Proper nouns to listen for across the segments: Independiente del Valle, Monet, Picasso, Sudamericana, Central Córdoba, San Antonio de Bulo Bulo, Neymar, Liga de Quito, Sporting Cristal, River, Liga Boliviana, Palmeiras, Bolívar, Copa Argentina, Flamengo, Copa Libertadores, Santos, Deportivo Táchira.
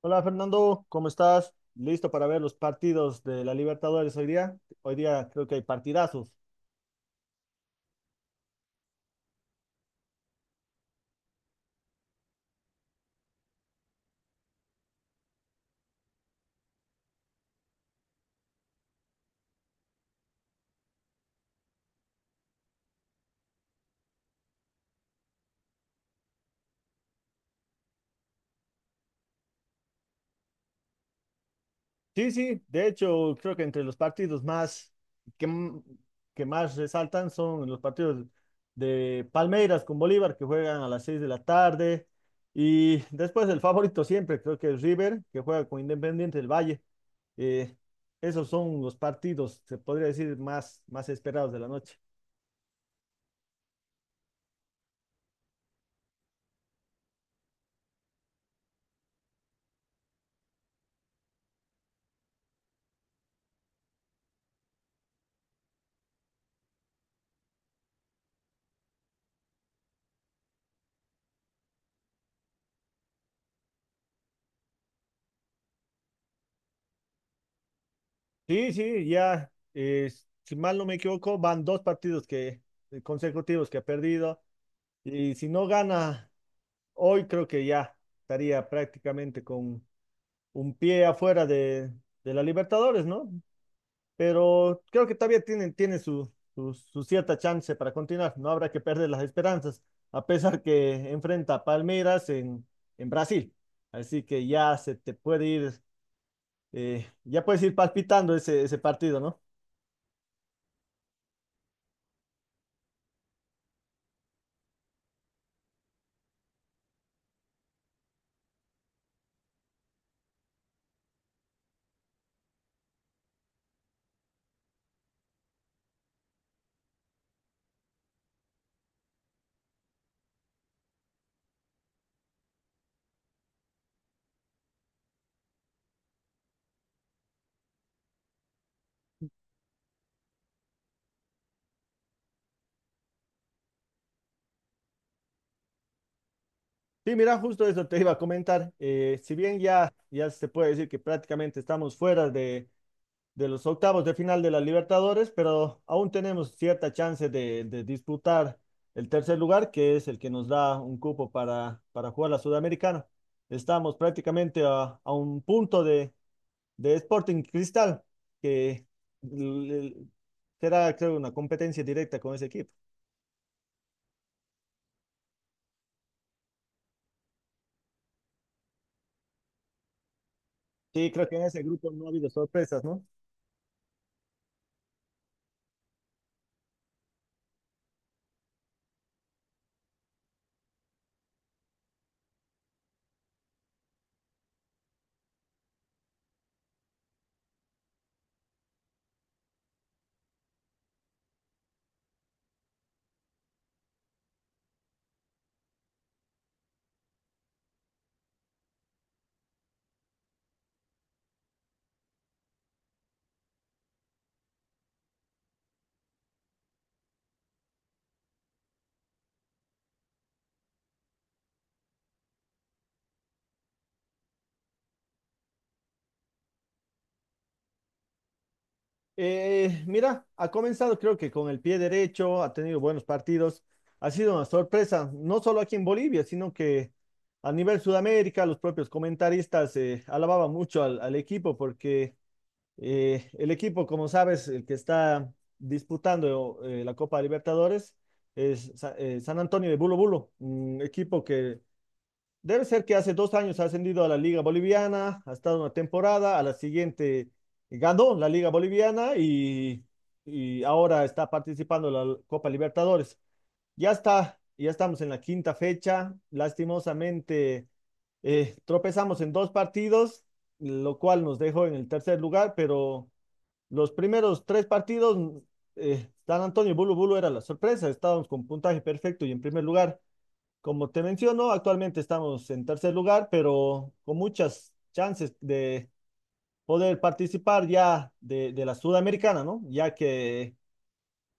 Hola Fernando, ¿cómo estás? ¿Listo para ver los partidos de la Libertadores hoy día? Hoy día creo que hay partidazos. Sí, sí, de hecho creo que entre los partidos que, m- que más resaltan son los partidos de Palmeiras con Bolívar que juegan a las 6 de la tarde y después el favorito siempre creo que es River que juega con Independiente del Valle. Eh, Esos son los partidos, se podría decir, más esperados de la noche. Sí, sí, ya, si mal no me equivoco, van dos partidos consecutivos que ha perdido, y si no gana hoy creo que ya estaría prácticamente con un pie afuera de la Libertadores, ¿no? Pero creo que todavía tiene su cierta chance para continuar, no habrá que perder las esperanzas, a pesar que enfrenta a Palmeiras en Brasil, así que ya puedes ir palpitando ese partido, ¿no? Sí, mira, justo eso te iba a comentar. Si bien ya se puede decir que prácticamente estamos fuera de los octavos de final de la Libertadores, pero aún tenemos cierta chance de disputar el tercer lugar, que es el que nos da un cupo para jugar la Sudamericana. Estamos prácticamente a un punto de Sporting Cristal, que l- l- será, creo, una competencia directa con ese equipo. Sí, creo que en ese grupo no ha habido sorpresas, ¿no? Mira, ha comenzado creo que con el pie derecho, ha tenido buenos partidos, ha sido una sorpresa, no solo aquí en Bolivia, sino que a nivel Sudamérica, los propios comentaristas alababan mucho al equipo, porque el equipo, como sabes, el que está disputando la Copa Libertadores es San Antonio de Bulo Bulo, un equipo que debe ser que hace 2 años ha ascendido a la Liga Boliviana, ha estado una temporada, a la siguiente ganó la Liga Boliviana y ahora está participando en la Copa Libertadores. Ya estamos en la quinta fecha, lastimosamente tropezamos en dos partidos, lo cual nos dejó en el tercer lugar, pero los primeros tres partidos, San Antonio y Bulu Bulu era la sorpresa, estábamos con puntaje perfecto y en primer lugar. Como te menciono, actualmente estamos en tercer lugar, pero con muchas chances de poder participar ya de la Sudamericana, ¿no? Ya que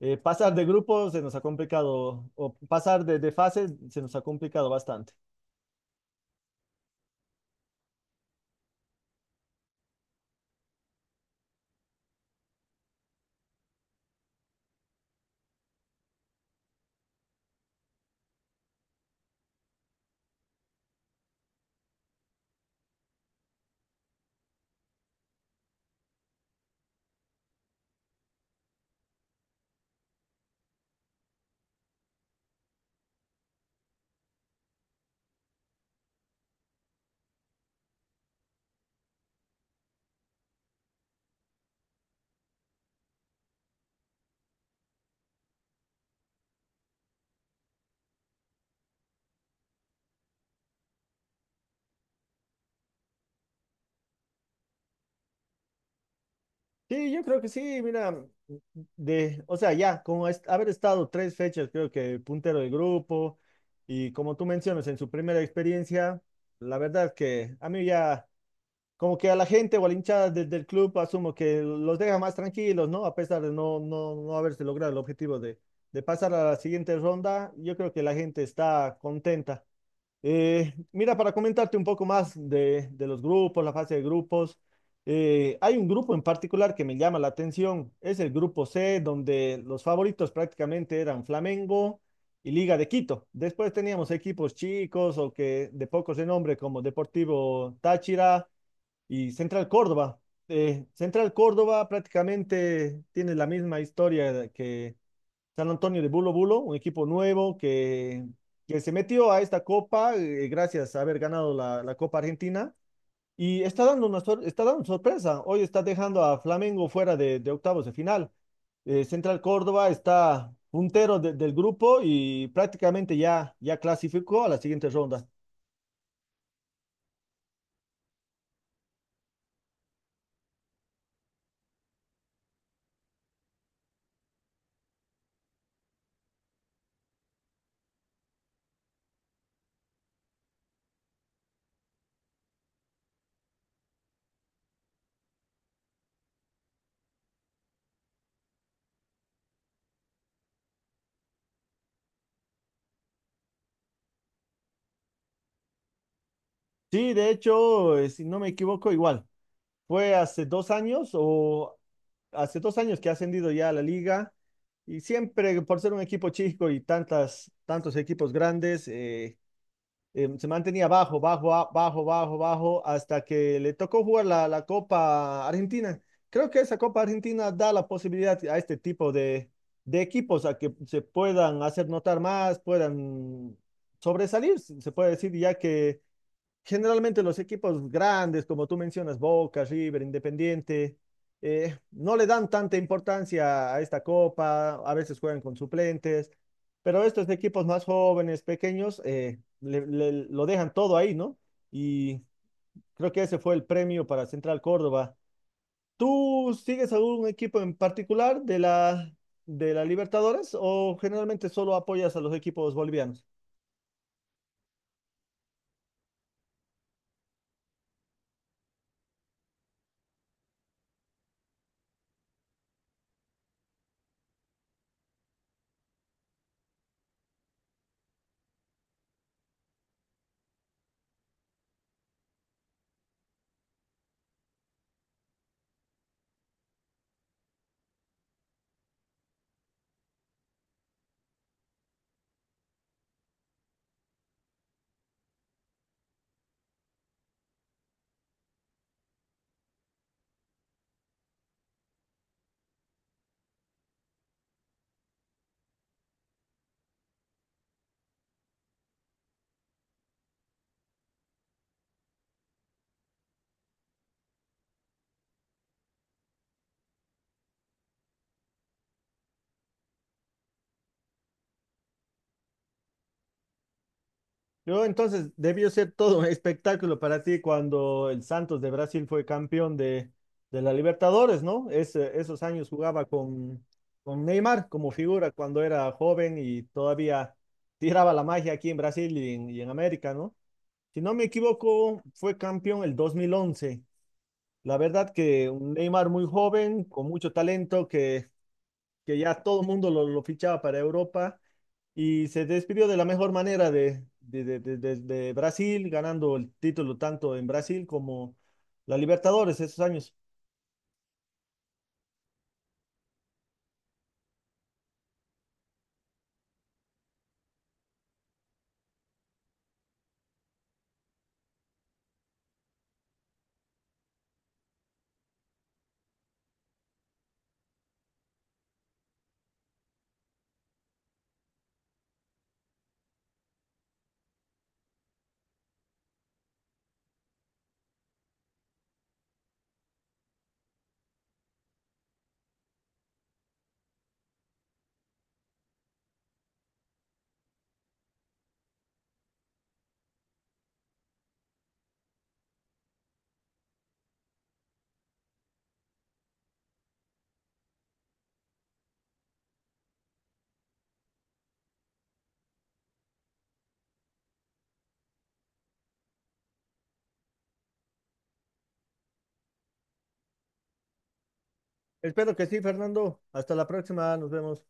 pasar de grupos se nos ha complicado, o pasar de fases se nos ha complicado bastante. Sí, yo creo que sí, mira, o sea, ya, como haber estado tres fechas, creo que puntero del grupo, y como tú mencionas, en su primera experiencia, la verdad que a mí ya como que a la gente o a la hinchada del club asumo que los deja más tranquilos, ¿no? A pesar de no haberse logrado el objetivo de pasar a la siguiente ronda, yo creo que la gente está contenta. Mira, para comentarte un poco más de los grupos, la fase de grupos, hay un grupo en particular que me llama la atención, es el grupo C, donde los favoritos prácticamente eran Flamengo y Liga de Quito. Después teníamos equipos chicos o que de poco renombre como Deportivo Táchira y Central Córdoba. Central Córdoba prácticamente tiene la misma historia que San Antonio de Bulo Bulo, un equipo nuevo que se metió a esta copa gracias a haber ganado la Copa Argentina, y está dando una está dando sorpresa. Hoy está dejando a Flamengo fuera de octavos de final. Central Córdoba está puntero del grupo y prácticamente ya clasificó a la siguiente ronda. Sí, de hecho, si no me equivoco, igual. Fue hace dos años que ha ascendido ya a la liga, y siempre por ser un equipo chico y tantos equipos grandes, se mantenía bajo, bajo, a- bajo, bajo, bajo hasta que le tocó jugar la Copa Argentina. Creo que esa Copa Argentina da la posibilidad a este tipo de equipos a que se puedan hacer notar más, puedan sobresalir, se puede decir, ya que generalmente los equipos grandes, como tú mencionas, Boca, River, Independiente, no le dan tanta importancia a esta copa, a veces juegan con suplentes, pero estos equipos más jóvenes, pequeños, lo dejan todo ahí, ¿no? Y creo que ese fue el premio para Central Córdoba. ¿Tú sigues algún equipo en particular de la Libertadores o generalmente solo apoyas a los equipos bolivianos? Yo entonces debió ser todo un espectáculo para ti cuando el Santos de Brasil fue campeón de la Libertadores, ¿no? Esos años jugaba con Neymar como figura cuando era joven y todavía tiraba la magia aquí en Brasil y en América, ¿no? Si no me equivoco, fue campeón el 2011. La verdad que un Neymar muy joven, con mucho talento, que ya todo el mundo lo fichaba para Europa, y se despidió de la mejor manera de Brasil, ganando el título tanto en Brasil como la Libertadores esos años. Espero que sí, Fernando. Hasta la próxima, nos vemos.